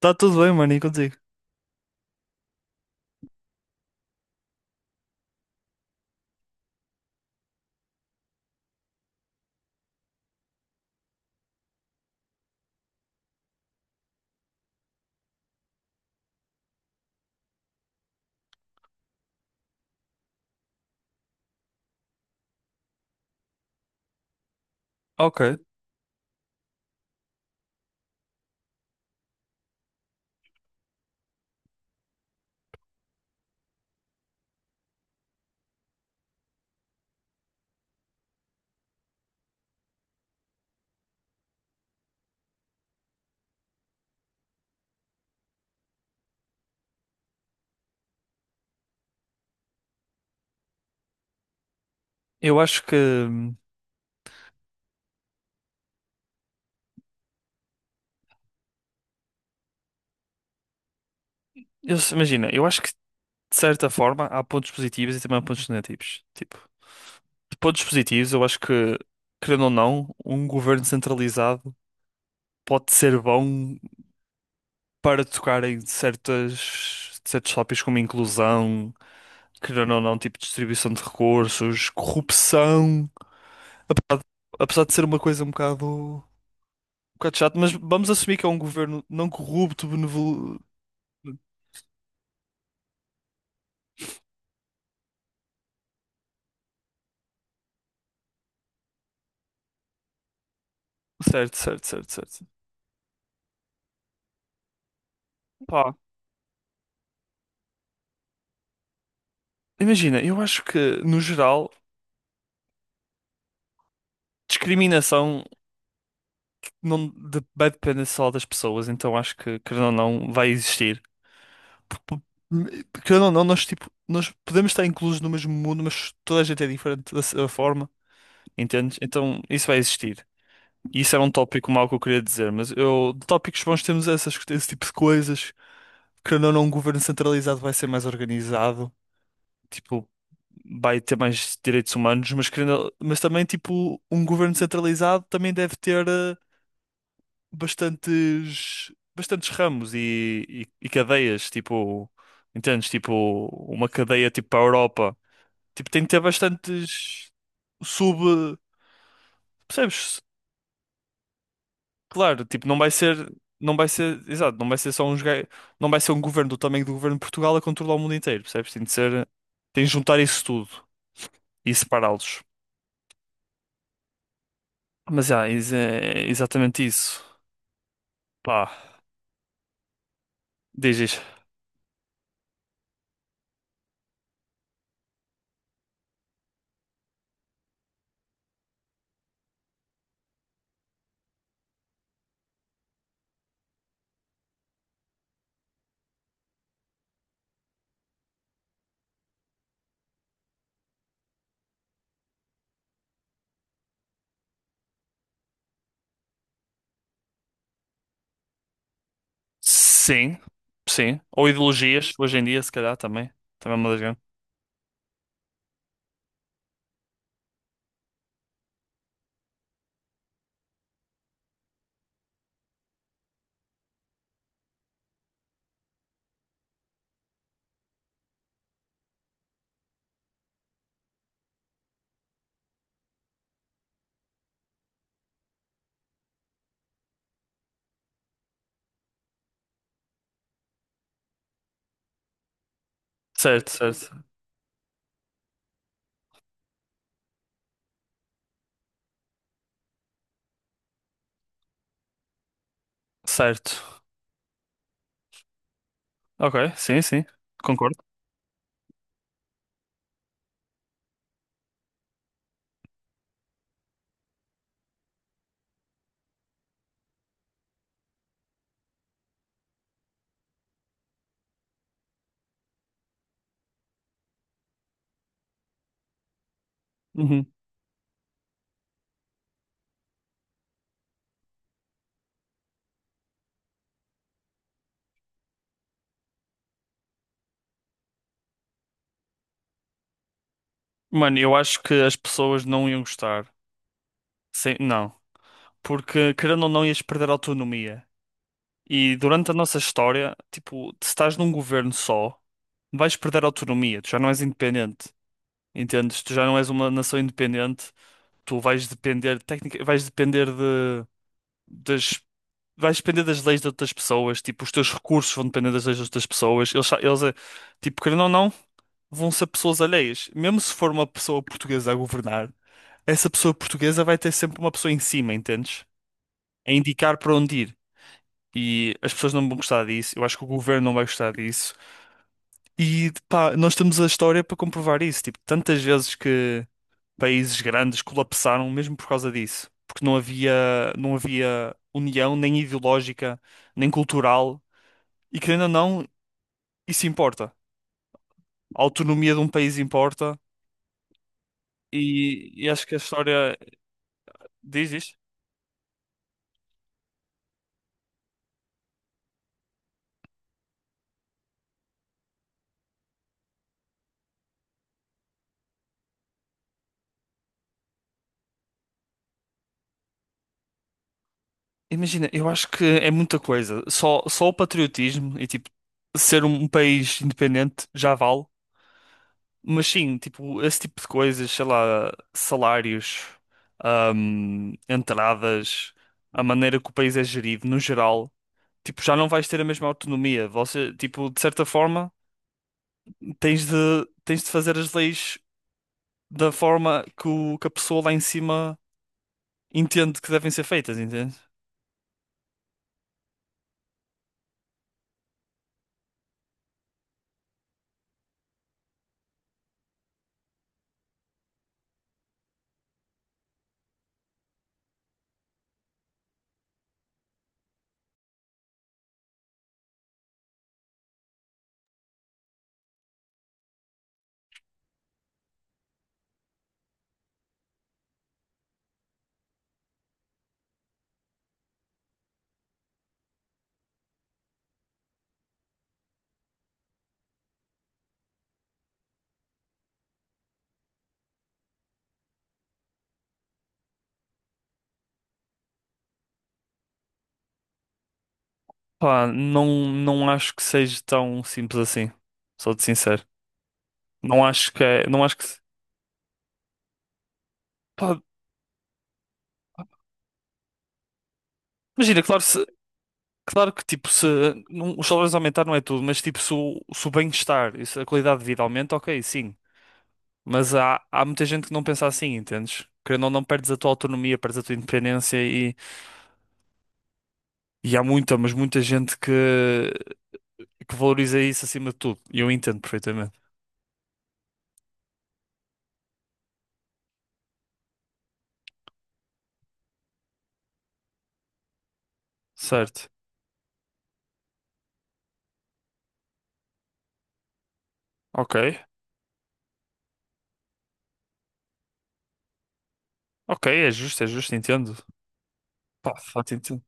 Tá tudo bem, mano, e contigo? Ok, eu acho que. Eu se- imagina, eu acho que de certa forma há pontos positivos e também há pontos negativos. Tipo, de pontos positivos, eu acho que, querendo ou não, um governo centralizado pode ser bom para tocar em certas, certos tópicos como inclusão, querendo ou não, tipo distribuição de recursos, corrupção. Apesar de, apesar de ser uma coisa um bocado chato, mas vamos assumir que é um governo não corrupto, benevol... Certo, certo, certo, certo. Pá, imagina, eu acho que, no geral, discriminação não de- vai depender só das pessoas, então acho que, querendo ou não, vai existir. P- p- Querendo ou não, nós, tipo, nós podemos estar inclusos no mesmo mundo, mas toda a gente é diferente da sua forma, entendes? Então isso vai existir. E isso era um tópico mau que eu queria dizer, mas eu, de tópicos bons temos essas, esse tipo de coisas. Querendo ou não, um governo centralizado vai ser mais organizado. Tipo, vai ter mais direitos humanos, mas, querendo, mas também, tipo, um governo centralizado também deve ter bastantes, bastantes ramos e cadeias, tipo, entendes? Tipo, uma cadeia, tipo, para a Europa. Tipo, tem que ter bastantes sub... Percebes? Claro, tipo, não vai ser... Não vai ser, exato, não vai ser só não vai ser um governo do tamanho do governo de Portugal a controlar o mundo inteiro, percebes? Tem de ser, tem de juntar isso tudo e separá-los. Mas já, é exatamente isso. Pá, dizes sim, sim. Ou ideologias, hoje em dia, se calhar, também. Também é uma das grandes. Certo, certo, certo. Ok, sim, sim. Concordo. Uhum. Mano, eu acho que as pessoas não iam gostar. Sim, não. Porque, querendo ou não, ias perder a autonomia. E durante a nossa história, tipo, se estás num governo só, vais perder a autonomia. Tu já não és independente. Entendes? Tu já não és uma nação independente. Tu vais depender, técnica, vais depender das, vais depender das leis de outras pessoas, tipo, os teus recursos vão depender das leis de outras pessoas, eles, eles tipo, querendo ou não, vão ser pessoas alheias. Mesmo se for uma pessoa portuguesa a governar, essa pessoa portuguesa vai ter sempre uma pessoa em cima, entendes? A indicar para onde ir. E as pessoas não vão gostar disso, eu acho que o governo não vai gostar disso. E pá, nós temos a história para comprovar isso. Tipo, tantas vezes que países grandes colapsaram mesmo por causa disso, porque não havia, não havia união nem ideológica, nem cultural, e querendo ou não, isso importa. A autonomia de um país importa, e acho que a história diz isto. Imagina, eu acho que é muita coisa. Só, só o patriotismo e tipo ser um país independente já vale. Mas sim, tipo, esse tipo de coisas, sei lá, salários, entradas, a maneira que o país é gerido, no geral, tipo, já não vais ter a mesma autonomia. Você, tipo, de certa forma, tens de fazer as leis da forma que, o, que a pessoa lá em cima entende que devem ser feitas, entende? Pá, não, não acho que seja tão simples assim. Sou-te sincero. Não acho que é, não acho que, se- pá, imagina, claro, se, claro que, tipo, se não- os salários aumentar não é tudo, mas, tipo, se o, se o bem-estar e se a qualidade de vida aumenta, ok, sim. Mas há, há muita gente que não pensa assim, entendes? Querendo ou não, perdes a tua autonomia, perdes a tua independência. E há muita, mas muita gente que valoriza isso acima de tudo. E eu entendo perfeitamente. Certo. Ok. Ok, é justo, entendo. Pá, fato entendo.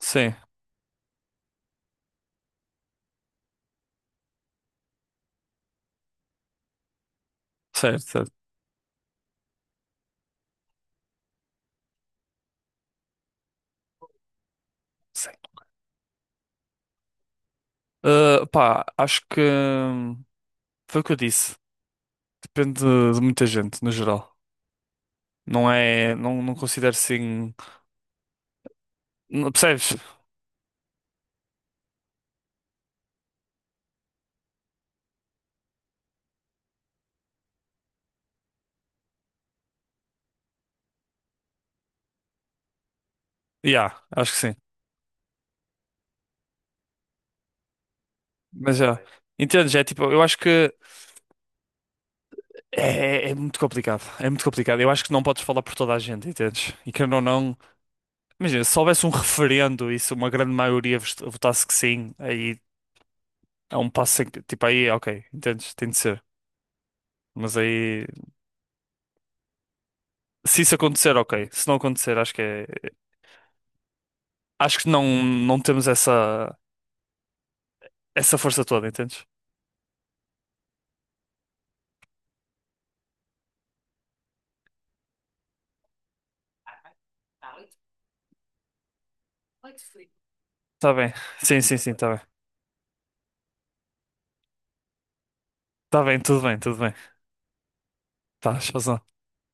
Sim, certo, certo. Sim. Ah, pá, acho que foi o que eu disse. Depende de muita gente, no geral. Não é. Não, não considero assim. Não, percebes? Yeah, acho que sim. Mas já. Entendes? É tipo, eu acho que é, é muito complicado. É muito complicado. Eu acho que não podes falar por toda a gente, entendes? E querendo ou não. Imagina, se houvesse um referendo e se uma grande maioria votasse que sim, aí é um passo em que, tipo, aí, ok, entendes? Tem de ser. Mas aí, se isso acontecer, ok. Se não acontecer, acho que é, acho que não, não temos essa, essa força toda, entendes? Tá bem. Sim, sim, sim, tá bem. Tá bem, tudo bem, tudo bem. Tá, razão.